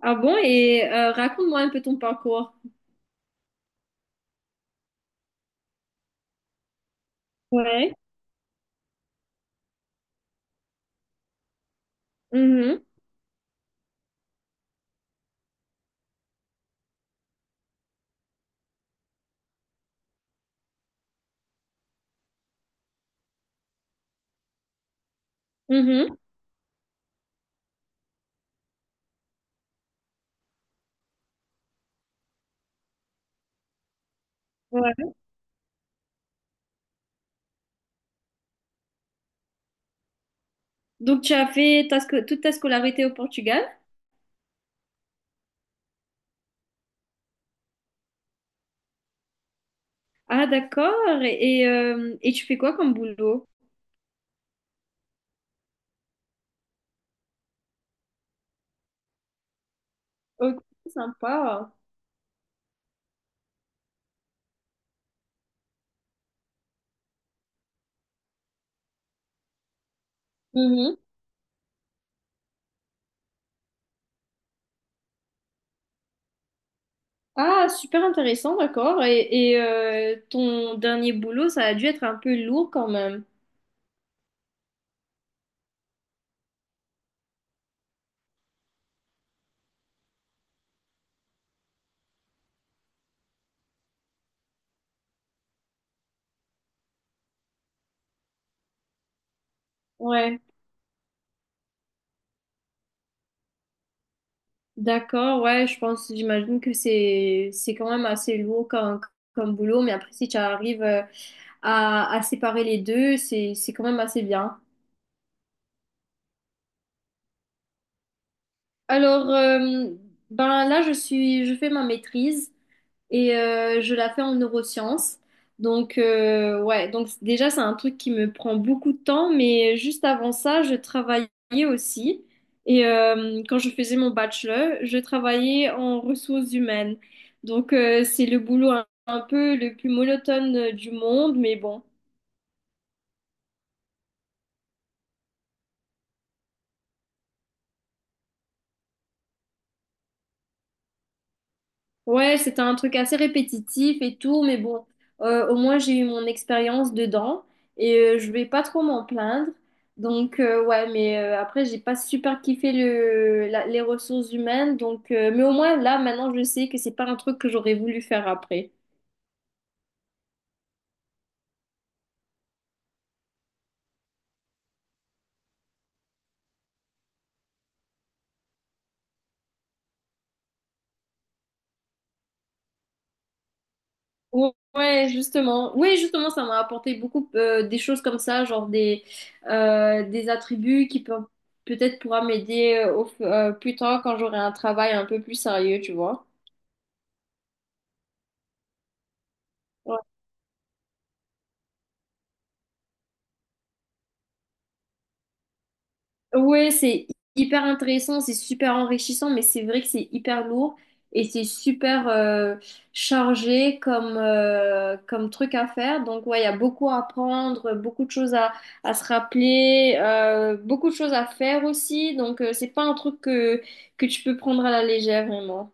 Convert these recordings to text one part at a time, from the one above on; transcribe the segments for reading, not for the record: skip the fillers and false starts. Ah bon? Et raconte-moi un peu ton parcours. Ouais. Mhm. Mhm. Ouais. Donc, tu as fait toute ta scolarité au Portugal? Ah, d'accord. Et tu fais quoi comme boulot? Ok, sympa. Mhm. Ah, super intéressant, d'accord. Et, ton dernier boulot, ça a dû être un peu lourd quand même. Ouais, d'accord, ouais, je pense, j'imagine que c'est quand même assez lourd comme, comme boulot, mais après, si tu arrives, à séparer les deux, c'est quand même assez bien. Alors, ben là, je suis, je fais ma maîtrise et je la fais en neurosciences. Donc, ouais, donc déjà, c'est un truc qui me prend beaucoup de temps, mais juste avant ça, je travaillais aussi. Et quand je faisais mon bachelor, je travaillais en ressources humaines. Donc, c'est le boulot un peu le plus monotone du monde, mais bon. Ouais, c'était un truc assez répétitif et tout, mais bon, au moins j'ai eu mon expérience dedans et je vais pas trop m'en plaindre. Donc ouais, mais après j'ai pas super kiffé les ressources humaines, donc mais au moins là maintenant je sais que c'est pas un truc que j'aurais voulu faire après. Ouais, justement. Oui, justement, ça m'a apporté beaucoup des choses comme ça, genre des attributs qui peuvent peut-être pourra m'aider plus tard quand j'aurai un travail un peu plus sérieux, tu vois. Ouais. Ouais, c'est hyper intéressant, c'est super enrichissant, mais c'est vrai que c'est hyper lourd et c'est super chargé comme, comme truc à faire. Donc, ouais, il y a beaucoup à apprendre, beaucoup de choses à se rappeler, beaucoup de choses à faire aussi. Donc, c'est pas un truc que tu peux prendre à la légère, vraiment.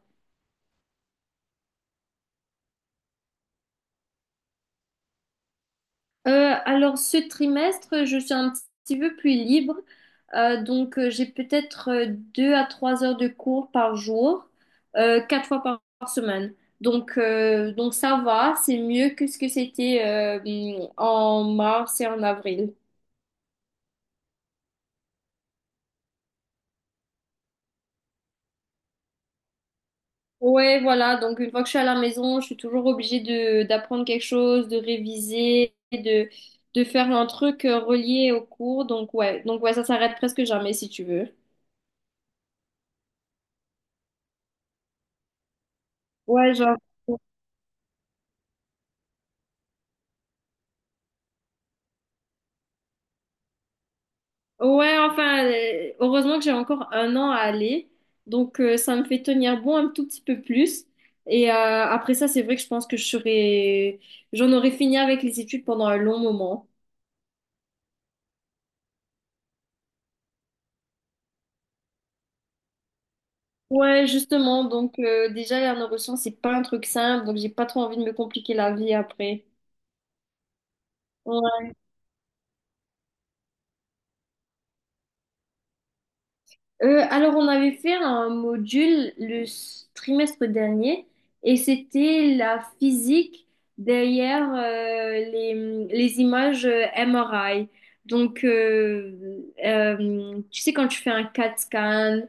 Alors, ce trimestre, je suis un petit peu plus libre. Donc, j'ai peut-être deux à trois heures de cours par jour, quatre fois par semaine. Donc ça va, c'est mieux que ce que c'était en mars et en avril. Ouais, voilà. Donc, une fois que je suis à la maison, je suis toujours obligée de d'apprendre quelque chose, de réviser, de faire un truc relié au cours. Donc, ouais. Donc, ouais, ça s'arrête presque jamais si tu veux. Ouais, genre. Ouais, enfin, heureusement que j'ai encore un an à aller. Donc, ça me fait tenir bon un tout petit peu plus. Et après ça, c'est vrai que je pense que je serais... j'en aurais fini avec les études pendant un long moment. Ouais, justement. Donc, déjà, les neurosciences, c'est pas un truc simple. Donc, j'ai pas trop envie de me compliquer la vie après. Ouais. Alors, on avait fait un module trimestre dernier et c'était la physique derrière les images MRI. Donc, tu sais, quand tu fais un CAT scan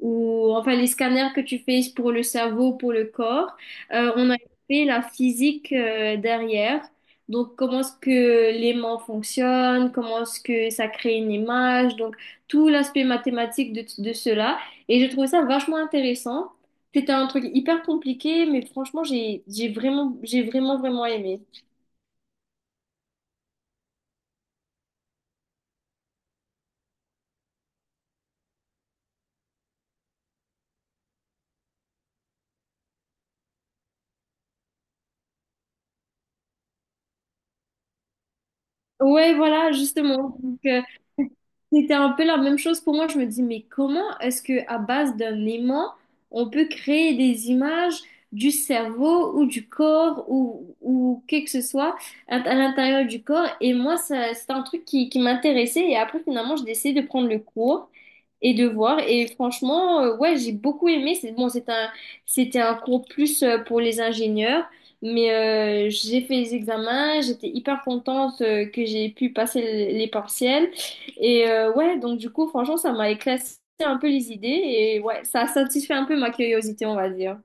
ou enfin les scanners que tu fais pour le cerveau, pour le corps, on a fait la physique derrière. Donc, comment est-ce que l'aimant fonctionne, comment est-ce que ça crée une image, tout l'aspect mathématique de cela. Et j'ai trouvé ça vachement intéressant. C'était un truc hyper compliqué, mais franchement, j'ai vraiment, vraiment aimé. Ouais, voilà, justement. Donc, c'était un peu la même chose pour moi. Je me dis, mais comment est-ce que à base d'un aimant, on peut créer des images du cerveau ou du corps ou que ce soit à l'intérieur du corps? Et moi, ça, c'est un truc qui m'intéressait. Et après, finalement, j'ai décidé de prendre le cours et de voir. Et franchement, ouais, j'ai beaucoup aimé. C'est bon, c'était un cours plus pour les ingénieurs. Mais j'ai fait les examens, j'étais hyper contente que j'ai pu passer les partiels. Et ouais, donc du coup, franchement, ça m'a éclairci un peu les idées et ouais, ça a satisfait un peu ma curiosité, on va dire.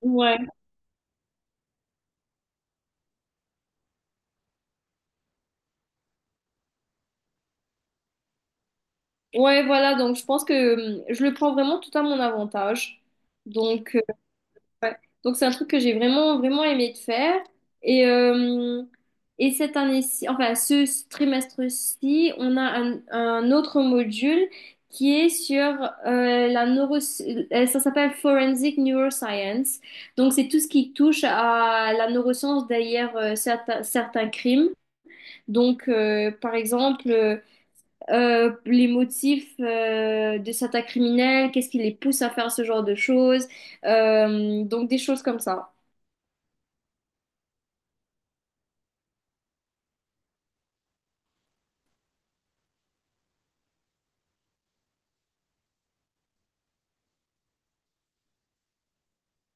Ouais. Ouais, voilà, donc je pense que je le prends vraiment tout à mon avantage. Donc, ouais. Donc c'est un truc que j'ai vraiment vraiment aimé de faire et euh, et cette année-ci enfin ce trimestre-ci on a un autre module qui est sur la neuro ça s'appelle Forensic Neuroscience, donc c'est tout ce qui touche à la neuroscience derrière certains crimes, donc par exemple les motifs de certains criminels, qu'est-ce qui les pousse à faire ce genre de choses, donc des choses comme ça.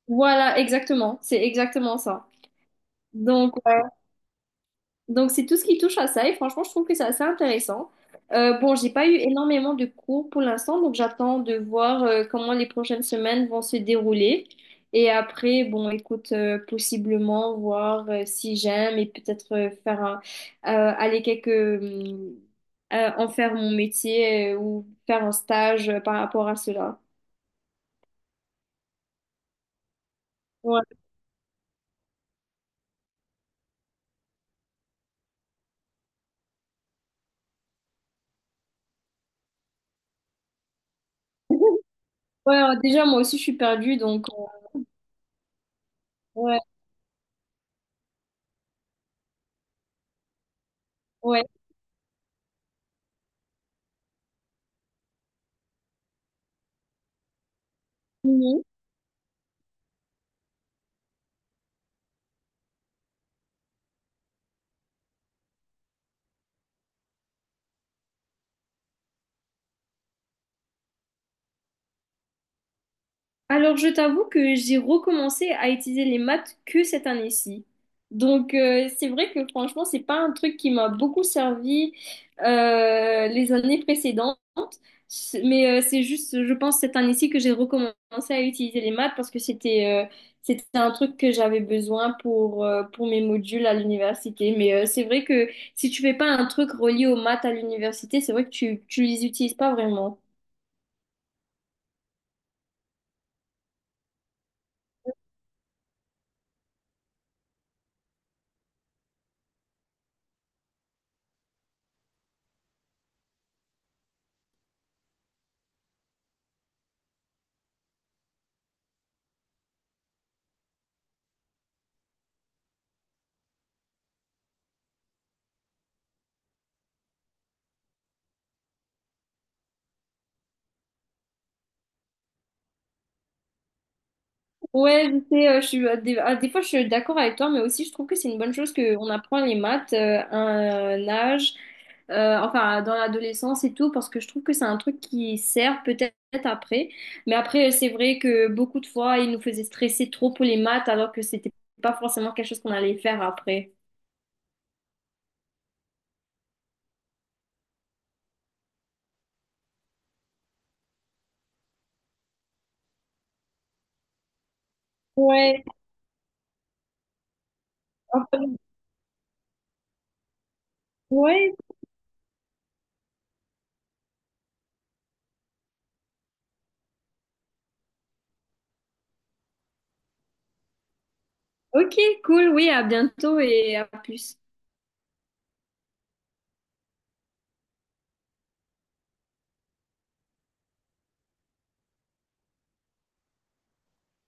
Voilà, exactement. C'est exactement ça. Donc, euh, donc c'est tout ce qui touche à ça. Et franchement, je trouve que c'est assez intéressant. Bon, j'ai pas eu énormément de cours pour l'instant, donc j'attends de voir comment les prochaines semaines vont se dérouler. Et après, bon, écoute, possiblement voir si j'aime et peut-être aller quelques hum, en faire mon métier ou faire un stage par rapport à cela. Ouais. Ouais, déjà moi aussi je suis perdue, donc ouais, ouais. Mhm. Alors, je t'avoue que j'ai recommencé à utiliser les maths que cette année-ci. Donc, c'est vrai que franchement, c'est pas un truc qui m'a beaucoup servi les années précédentes. Mais c'est juste, je pense, cette année-ci que j'ai recommencé à utiliser les maths parce que c'était c'était un truc que j'avais besoin pour mes modules à l'université. Mais c'est vrai que si tu fais pas un truc relié aux maths à l'université, c'est vrai que tu les utilises pas vraiment. Ouais, je sais, je suis, des, ah, des fois je suis d'accord avec toi, mais aussi je trouve que c'est une bonne chose qu'on apprend les maths à un âge, enfin dans l'adolescence et tout, parce que je trouve que c'est un truc qui sert peut-être après. Mais après, c'est vrai que beaucoup de fois, ils nous faisaient stresser trop pour les maths, alors que c'était pas forcément quelque chose qu'on allait faire après. Ouais, enfin, ouais, ok, cool, oui, à bientôt et à plus.